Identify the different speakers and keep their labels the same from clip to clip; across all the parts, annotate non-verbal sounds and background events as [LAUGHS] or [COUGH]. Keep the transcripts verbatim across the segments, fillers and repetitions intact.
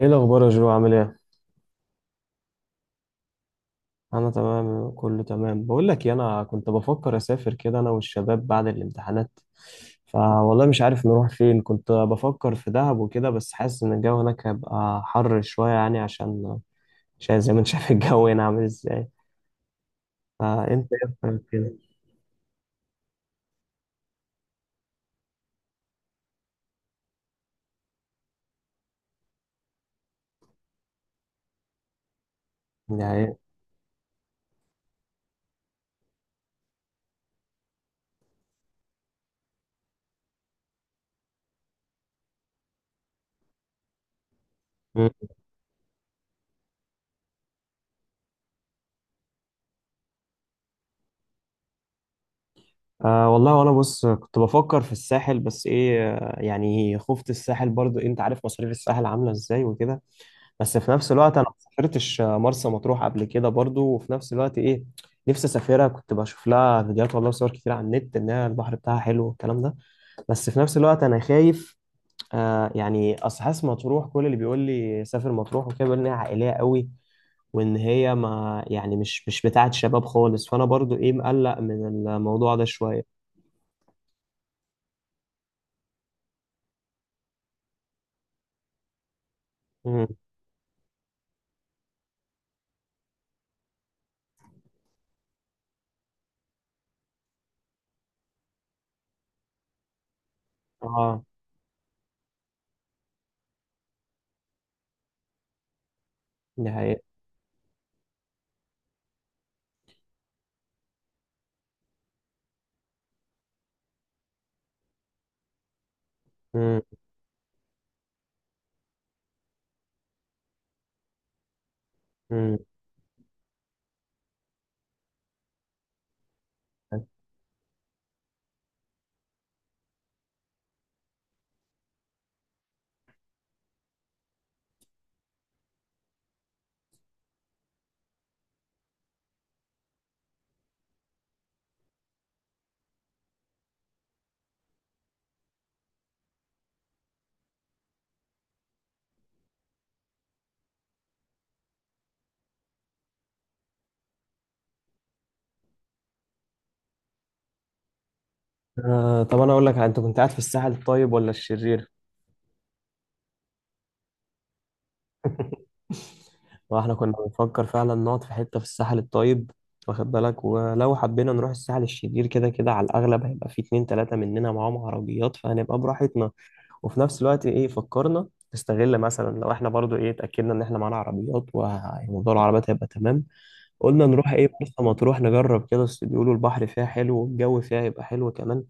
Speaker 1: ايه الاخبار يا جو، عامل ايه؟ انا تمام، كله تمام. بقول لك إيه، انا كنت بفكر اسافر كده انا والشباب بعد الامتحانات. فوالله مش عارف نروح فين. كنت بفكر في دهب وكده، بس حاسس ان الجو هناك هيبقى حر شويه، يعني عشان عشان زي ما انت [LAUGHS] شايف الجو هنا عامل ازاي. فانت ايه رأيك كده؟ يعني إيه؟ مم. آه والله، وانا بص كنت بفكر في الساحل، بس ايه آه، يعني خفت الساحل برضو إيه، انت عارف مصاريف الساحل عامله ازاي وكده. بس في نفس الوقت انا ما سافرتش مرسى مطروح قبل كده برضو، وفي نفس الوقت ايه، نفسي اسافرها. كنت بشوف لها فيديوهات والله وصور كتير على النت انها البحر بتاعها حلو والكلام ده، بس في نفس الوقت انا خايف. آه يعني اصل حاسس مطروح، كل اللي بيقول لي سافر مطروح وكده بيقول ان هي عائليه قوي، وان هي ما يعني مش مش بتاعه شباب خالص، فانا برضو ايه مقلق من الموضوع ده شويه. امم. اه، دي حقيقه. امم. امم. آه، طب انا اقول لك، انت كنت قاعد في الساحل الطيب ولا الشرير؟ واحنا كنا بنفكر فعلا نقعد في حتة في الساحل الطيب، واخد بالك، ولو حبينا نروح الساحل الشرير كده كده، على الأغلب هيبقى في اتنين تلاتة مننا معاهم عربيات، فهنبقى براحتنا. وفي نفس الوقت إيه، فكرنا نستغل مثلا لو احنا برضو إيه اتأكدنا إن احنا معانا عربيات، وموضوع العربيات هيبقى تمام. قلنا نروح ايه مرسى مطروح نجرب كده، بس بيقولوا البحر فيها حلو والجو فيها يبقى حلو كمان.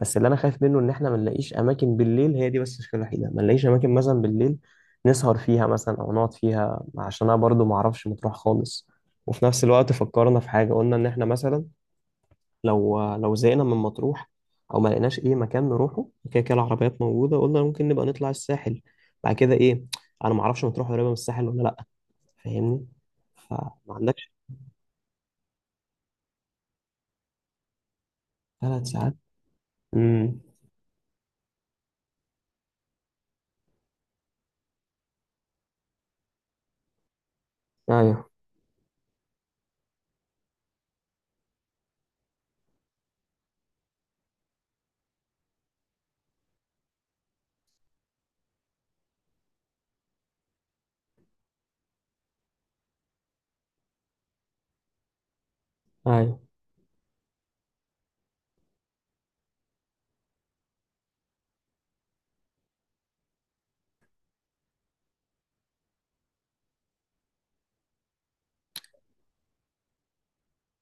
Speaker 1: بس اللي انا خايف منه ان احنا ما نلاقيش اماكن بالليل. هي دي بس المشكله الوحيده، ما نلاقيش اماكن مثلا بالليل نسهر فيها مثلا او نقعد فيها، عشان انا برضو ما اعرفش مطروح خالص. وفي نفس الوقت فكرنا في حاجه، قلنا ان احنا مثلا لو لو زهقنا من مطروح او ما لقيناش ايه مكان نروحه، كده كده العربيات موجوده، قلنا ممكن نبقى نطلع الساحل. بعد كده ايه، انا ما اعرفش مطروح قريبه من الساحل ولا لا، فاهمني؟ فما عندكش. ثلاث ساعات. امم. ايوه. ايوه.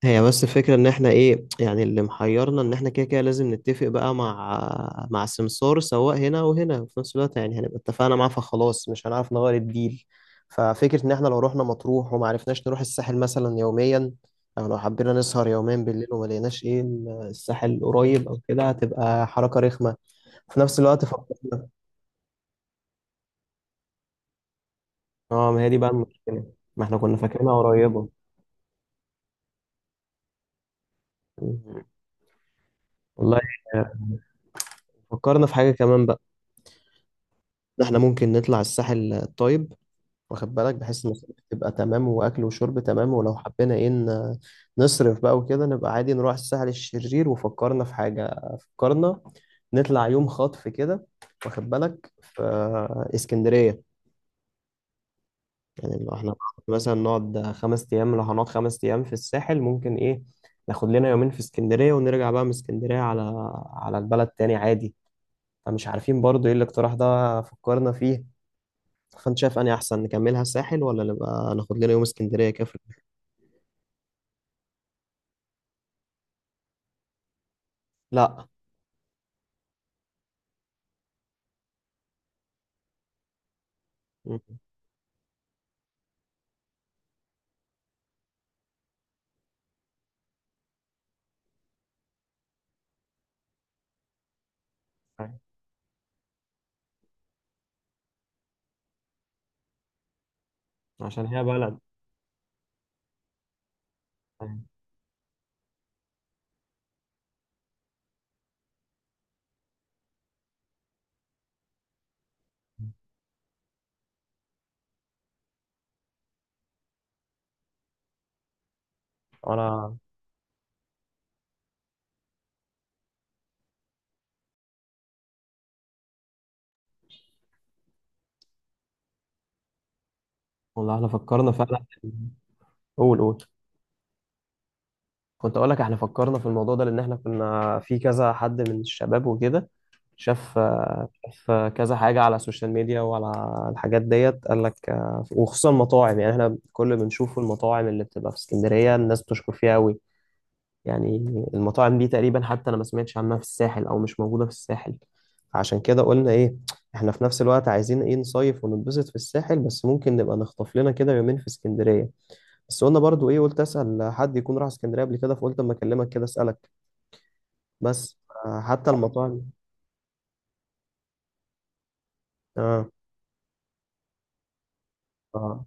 Speaker 1: هي بس الفكرة ان احنا ايه، يعني اللي محيرنا ان احنا كده كده لازم نتفق بقى مع مع السمسار سواء هنا وهنا، وفي نفس الوقت يعني هنبقى اتفقنا معاه فخلاص مش هنعرف نغير الديل. ففكرة ان احنا لو رحنا مطروح وما عرفناش نروح الساحل مثلا يوميا، او لو حبينا نسهر يومين بالليل وما لقيناش ايه الساحل قريب او كده، هتبقى حركة رخمة. في نفس الوقت فكرنا. اه، ما هي دي بقى المشكلة، ما احنا كنا فاكرينها قريبة. مم. والله. آه، فكرنا في حاجة كمان بقى، ده احنا ممكن نطلع الساحل الطيب، واخد بالك، بحيث ان تبقى تمام واكل وشرب تمام، ولو حبينا ايه ن- نصرف بقى وكده نبقى عادي نروح الساحل الشرير. وفكرنا في حاجة، فكرنا نطلع يوم خطف كده، واخد بالك، في اسكندرية. يعني لو احنا مثلا نقعد خمس ايام، لو هنقعد خمس ايام في الساحل، ممكن ايه ناخد لنا يومين في اسكندرية، ونرجع بقى من اسكندرية على على البلد تاني عادي. فمش عارفين برضو ايه الاقتراح ده فكرنا فيه. فانت شايف اني احسن نكملها الساحل، ولا نبقى ناخد لنا يوم اسكندريه كده في- البيت؟ لا. م-. أيوة. عشان هي بلد. أيوة. انا. والله احنا فكرنا فعلا. قول، قول. كنت اقول لك، احنا فكرنا في الموضوع ده لان احنا كنا في كذا حد من الشباب وكده شاف. شاف كذا حاجه على السوشيال ميديا وعلى الحاجات ديت، قال لك آه، وخصوصا المطاعم. يعني احنا كل بنشوف المطاعم اللي بتبقى في اسكندريه الناس بتشكر فيها قوي يعني. المطاعم دي تقريبا حتى انا ما سمعتش عنها في الساحل، او مش موجودة في الساحل. عشان كده قلنا ايه، احنا في نفس الوقت عايزين ايه نصيف وننبسط في الساحل، بس ممكن نبقى نخطف لنا كده يومين في اسكندرية. بس قلنا برضو ايه، قلت اسأل حد يكون راح اسكندرية قبل كده، فقلت اما اكلمك كده اسألك. بس آه، حتى المطاعم. اه. اه.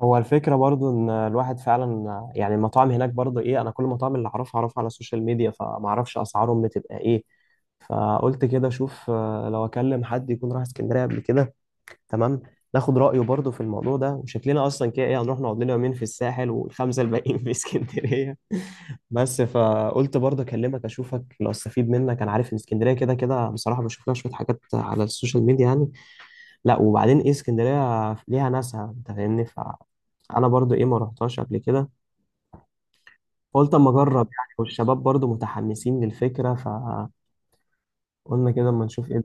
Speaker 1: هو الفكرة برضو إن الواحد فعلا، يعني المطاعم هناك برضو إيه، أنا كل المطاعم اللي أعرفها أعرفها على السوشيال ميديا، فمعرفش أسعارهم بتبقى إيه. فقلت كده أشوف آه، لو أكلم حد يكون راح اسكندرية قبل كده، تمام، ناخد رأيه برضو في الموضوع ده. وشكلنا أصلا كده إيه، هنروح نقعد لنا يومين في الساحل والخمسة الباقيين في اسكندرية [LAUGHS] بس فقلت برضو أكلمك أشوفك لو استفيد منك. أنا عارف إن اسكندرية كده كده، بصراحة بشوف لها شوية حاجات على السوشيال ميديا يعني. لا، وبعدين إيه اسكندرية ليها ناسها، أنت فاهمني. انا برضو ايه، ما رحتهاش قبل كده، قلت اما اجرب يعني، والشباب برضو متحمسين للفكره، فقلنا كده اما نشوف ايه.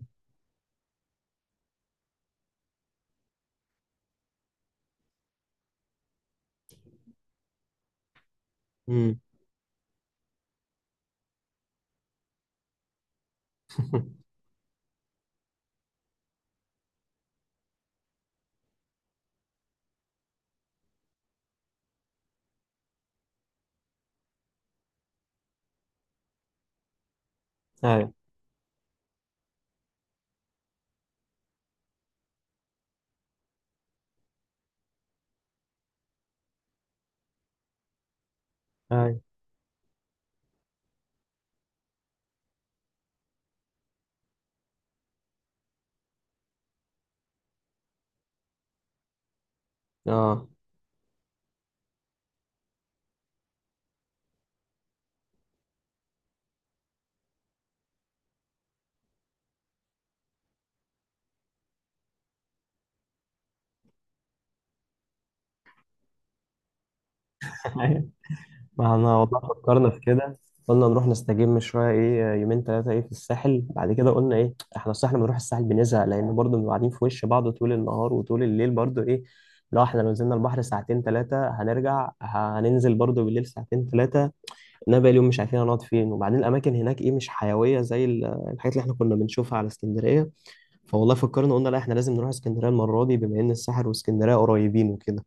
Speaker 1: امم. [LAUGHS] ايوه. ايوه. اه. [LAUGHS] أيوة. ما احنا والله فكرنا في كده، قلنا نروح نستجم شويه ايه، يومين ثلاثه ايه في الساحل. بعد كده قلنا ايه، احنا الصح لما نروح الساحل بنزهق، لان برضو بنبقى قاعدين في وش بعض طول النهار، وطول الليل برضو ايه لو احنا لو نزلنا البحر ساعتين ثلاثه، هنرجع هننزل برضو بالليل ساعتين ثلاثه. انا بقالي يوم مش عارفين هنقعد فين، وبعدين الاماكن هناك ايه مش حيويه زي ال- الحاجات اللي احنا كنا بنشوفها على اسكندريه. فوالله فكرنا قلنا لا، احنا لازم نروح اسكندريه المره دي، بما ان الساحل واسكندريه قريبين وكده.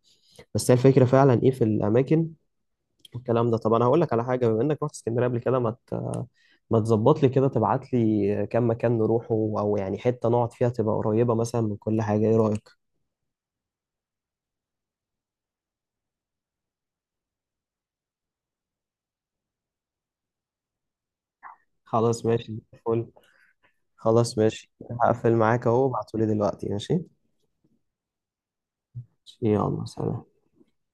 Speaker 1: بس هي الفكره فعلا ايه في الاماكن والكلام ده. طب انا هقول لك على حاجه، بما انك رحت اسكندريه قبل كده، ما ت- ما تظبط لي كده تبعت لي كام مكان نروحه، او يعني حته نقعد فيها تبقى قريبه مثلا من كل حاجه، ايه رايك؟ خلاص ماشي. فل. خلاص ماشي. هقفل معاك اهو، ابعتولي دلوقتي ماشي. يلا سلام.